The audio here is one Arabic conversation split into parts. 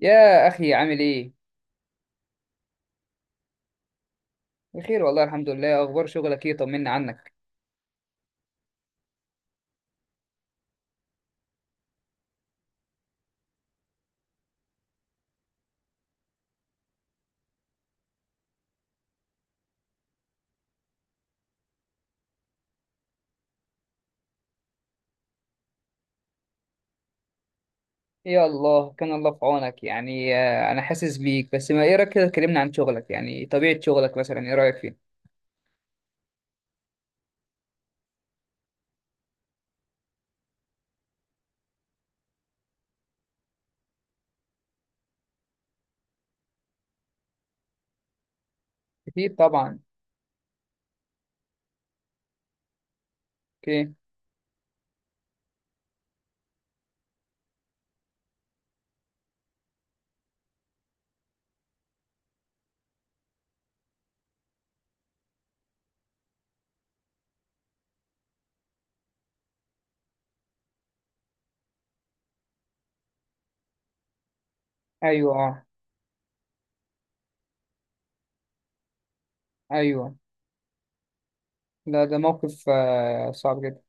يا أخي عامل إيه؟ بخير والله الحمد لله، أخبار شغلك إيه؟ طمنا عنك. يا الله كان الله في عونك. يعني أنا حاسس بيك. بس ما إيه رأيك كده، اتكلمنا عن شغلك، يعني طبيعة شغلك مثلا إيه رأيك فيه؟ أكيد طبعا. أوكي. أيوه أيوه لا، ده موقف صعب جدا.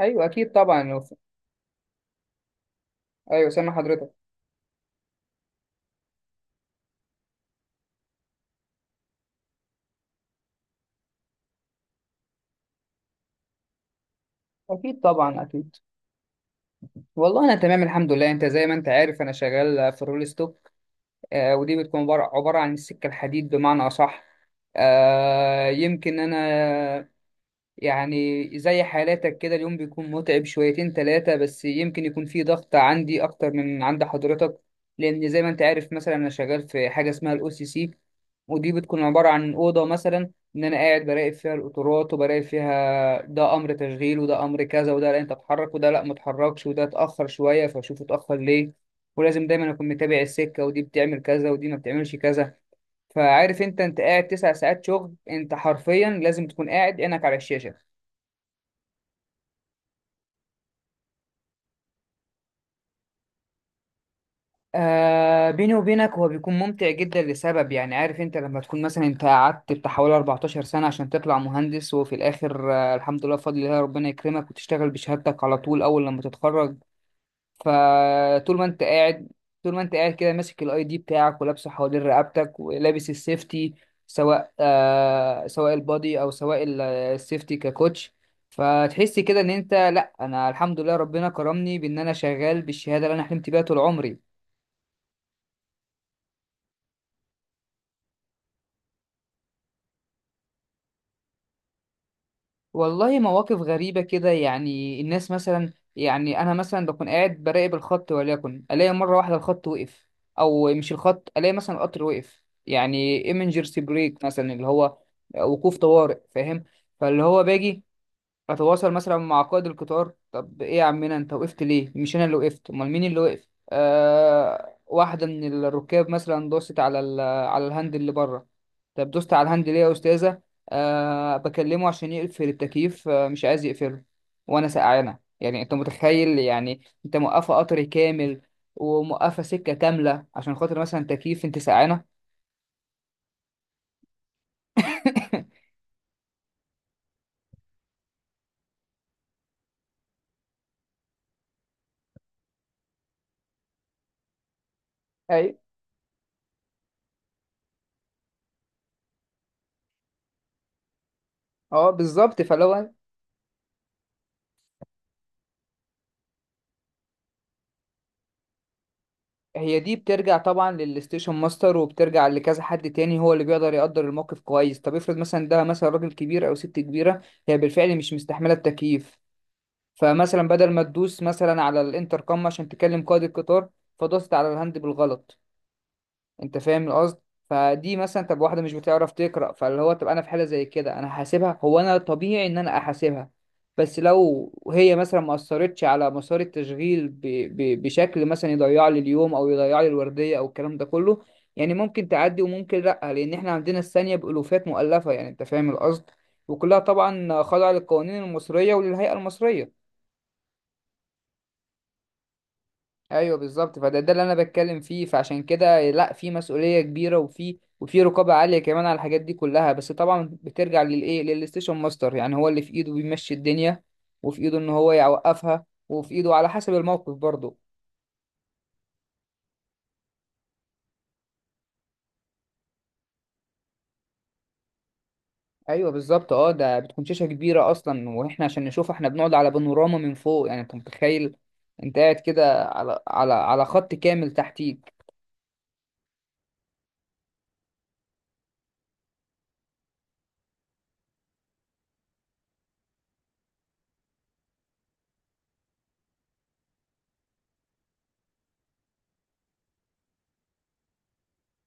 أيوه أكيد طبعا. أيوه سامع حضرتك. أكيد طبعا أكيد. والله أنا تمام الحمد لله. أنت زي ما أنت عارف أنا شغال في الرول ستوك. ودي بتكون عبارة عن السكة الحديد، بمعنى أصح. يمكن أنا يعني زي حالاتك كده، اليوم بيكون متعب شويتين تلاتة، بس يمكن يكون فيه ضغط عندي أكتر من عند حضرتك. لأن زي ما أنت عارف، مثلا أنا شغال في حاجة اسمها الأو سي سي. ودي بتكون عبارة عن أوضة، مثلا إن أنا قاعد براقب فيها القطورات، وبراقب فيها ده أمر تشغيل وده أمر كذا، وده لا أنت اتحرك وده لا متحركش، وده اتأخر شوية فأشوف اتأخر ليه. ولازم دايما أكون متابع السكة، ودي بتعمل كذا ودي ما بتعملش كذا. فعارف أنت قاعد 9 ساعات شغل، أنت حرفيا لازم تكون قاعد عينك على الشاشة. آه بيني وبينك، هو بيكون ممتع جدا لسبب. يعني عارف انت، لما تكون مثلا انت قعدت بتاع حوالي 14 سنة عشان تطلع مهندس، وفي الاخر آه الحمد لله، بفضل الله ربنا يكرمك وتشتغل بشهادتك على طول اول لما تتخرج. فطول ما انت قاعد كده ماسك الاي دي بتاعك ولابسه حوالين رقبتك ولابس السيفتي، سواء آه سواء البادي او سواء السيفتي ككوتش. فتحس كده ان انت، لا انا الحمد لله ربنا كرمني بان انا شغال بالشهادة اللي انا حلمت بيها طول عمري. والله مواقف غريبة كده، يعني الناس مثلا، يعني أنا مثلا بكون قاعد براقب الخط، وليكن ألاقي مرة واحدة الخط وقف. أو مش الخط، ألاقي مثلا القطر وقف، يعني emergency brake مثلا، اللي هو وقوف طوارئ، فاهم. فاللي هو باجي اتواصل مثلا مع قائد القطار، طب ايه يا عمنا انت وقفت ليه؟ مش انا اللي وقفت، امال مين اللي وقف؟ آه واحده من الركاب مثلا دوست على على الهاند اللي بره. طب دوست على الهاند ليه يا استاذه؟ آه بكلمه عشان يقفل التكييف، آه مش عايز يقفله وانا سقعانه. يعني انت متخيل؟ يعني انت موقفه قطر كامل، وموقفه سكه كامله عشان خاطر مثلا تكييف انت سقعانه. ايوه اه بالظبط. فلو هي، دي بترجع طبعا للستيشن ماستر، وبترجع لكذا حد تاني، هو اللي بيقدر يقدر الموقف كويس. طب افرض مثلا ده مثلا راجل كبير او ست كبيره، هي بالفعل مش مستحمله التكييف، فمثلا بدل ما تدوس مثلا على الانتركم عشان تكلم قائد القطار، فدوست على الهاند بالغلط. انت فاهم القصد؟ فدي مثلا، طب واحده مش بتعرف تقرا، فاللي هو طب انا في حاله زي كده انا هحاسبها؟ هو انا طبيعي ان انا احاسبها؟ بس لو هي مثلا ما اثرتش على مسار التشغيل، بشكل مثلا يضيع لي اليوم او يضيع لي الورديه او الكلام ده كله، يعني ممكن تعدي وممكن لا. لان احنا عندنا الثانيه بالوفات مؤلفه، يعني انت فاهم القصد. وكلها طبعا خاضعه للقوانين المصريه وللهيئه المصريه. ايوه بالظبط. فده اللي انا بتكلم فيه، فعشان كده لا، في مسؤوليه كبيره، وفي رقابه عاليه كمان على الحاجات دي كلها. بس طبعا بترجع للايه، للستيشن ماستر، يعني هو اللي في ايده بيمشي الدنيا، وفي ايده ان هو يوقفها، وفي ايده على حسب الموقف برضه. ايوه بالظبط اه، ده بتكون شاشه كبيره اصلا، واحنا عشان نشوف احنا بنقعد على بانوراما من فوق. يعني انت متخيل، انت قاعد كده على خط كامل تحتيك.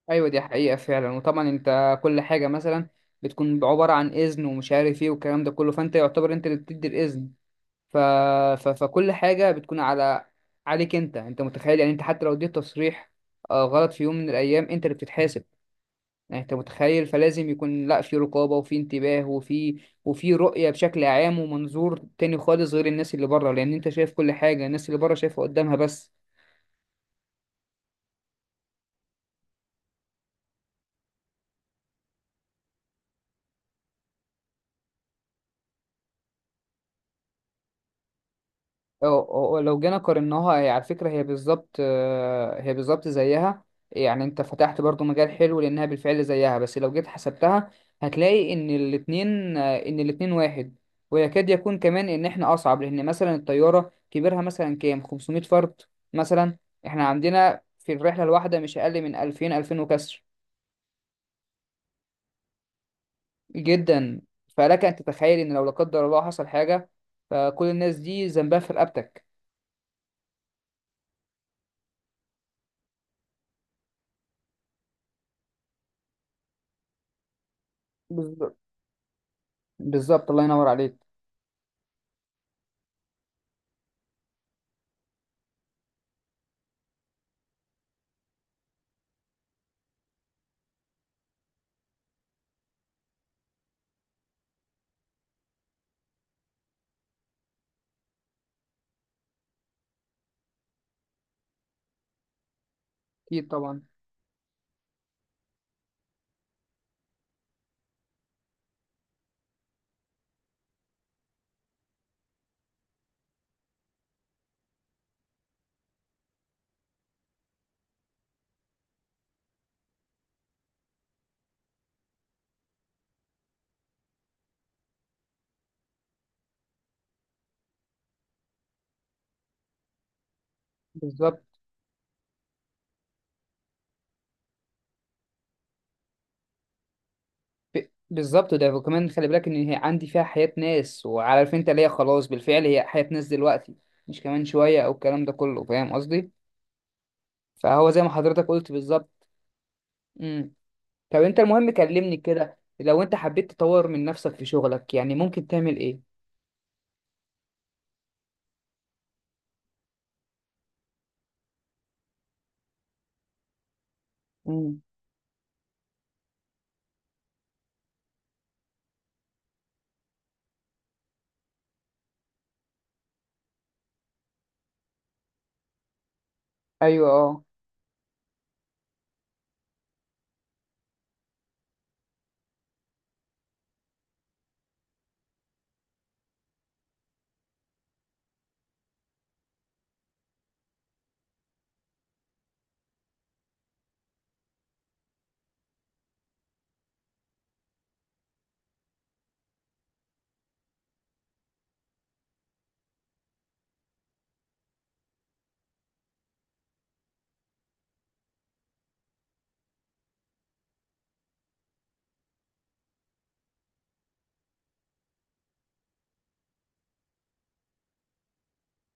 ايوه دي حقيقة فعلا. وطبعا انت كل حاجة مثلا بتكون عبارة عن اذن ومش عارف ايه والكلام ده كله، فانت يعتبر انت اللي بتدي الاذن. ف... فكل حاجة بتكون على، عليك انت. انت متخيل؟ يعني انت حتى لو اديت تصريح غلط في يوم من الايام، انت اللي بتتحاسب. يعني انت متخيل. فلازم يكون لا، في رقابة وفي انتباه وفي رؤية بشكل عام، ومنظور تاني خالص غير الناس اللي بره، لان انت شايف كل حاجة، الناس اللي بره شايفة قدامها بس. لو جينا قارناها، هي على فكرة هي بالظبط، هي بالظبط زيها. يعني انت فتحت برضو مجال حلو، لانها بالفعل زيها. بس لو جيت حسبتها، هتلاقي ان الاتنين آه، ان الاتنين واحد. ويكاد يكون كمان ان احنا اصعب، لان مثلا الطيارة كبيرها مثلا كام 500 فرد مثلا. احنا عندنا في الرحلة الواحدة مش اقل من 2000 2000 وكسر جدا. فلك ان تتخيل ان لو لا قدر الله حصل حاجة، فكل الناس دي ذنبها في رقبتك. بالظبط بالظبط، الله ينور عليك. اكيد طبعا بالظبط. بالظبط. ده وكمان خلي بالك ان هي عندي فيها حياة ناس، وعارف انت ليا، خلاص بالفعل هي حياة ناس دلوقتي، مش كمان شوية او الكلام ده كله، فاهم قصدي. فهو زي ما حضرتك قلت بالظبط. امم، طب انت المهم كلمني كده، لو انت حبيت تطور من نفسك في شغلك يعني ممكن تعمل ايه؟ امم ايوه اه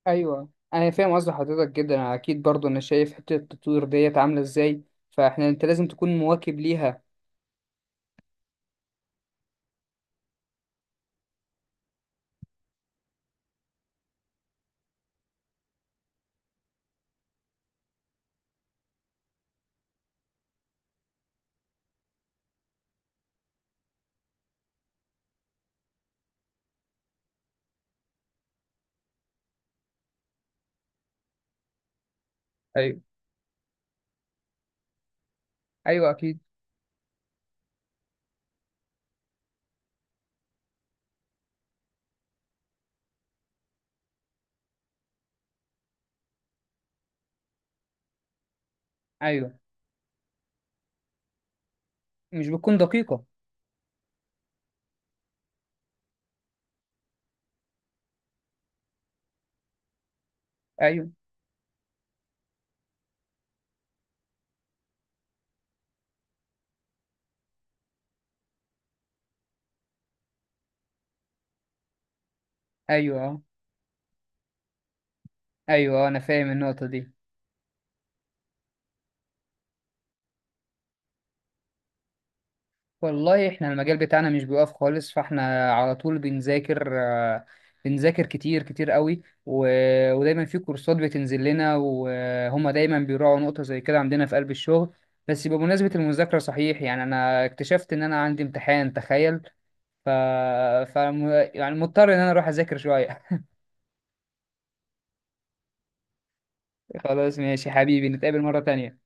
ايوه، انا فاهم قصد حضرتك جدا. أنا اكيد برضو انا شايف حتة التطوير ديت عاملة ازاي، فاحنا انت لازم تكون مواكب ليها. ايوه ايوه اكيد. ايوه مش بتكون دقيقة. ايوه ايوه آه. ايوه انا فاهم النقطه دي. والله احنا المجال بتاعنا مش بيقف خالص، فاحنا على طول بنذاكر، بنذاكر كتير كتير قوي. ودايما في كورسات بتنزل لنا، وهما دايما بيراعوا نقطه زي كده عندنا في قلب الشغل. بس بمناسبه المذاكره، صحيح يعني انا اكتشفت ان انا عندي امتحان، تخيل. ف... ف يعني مضطر ان انا اروح اذاكر شويه. خلاص ماشي حبيبي، نتقابل مره تانية.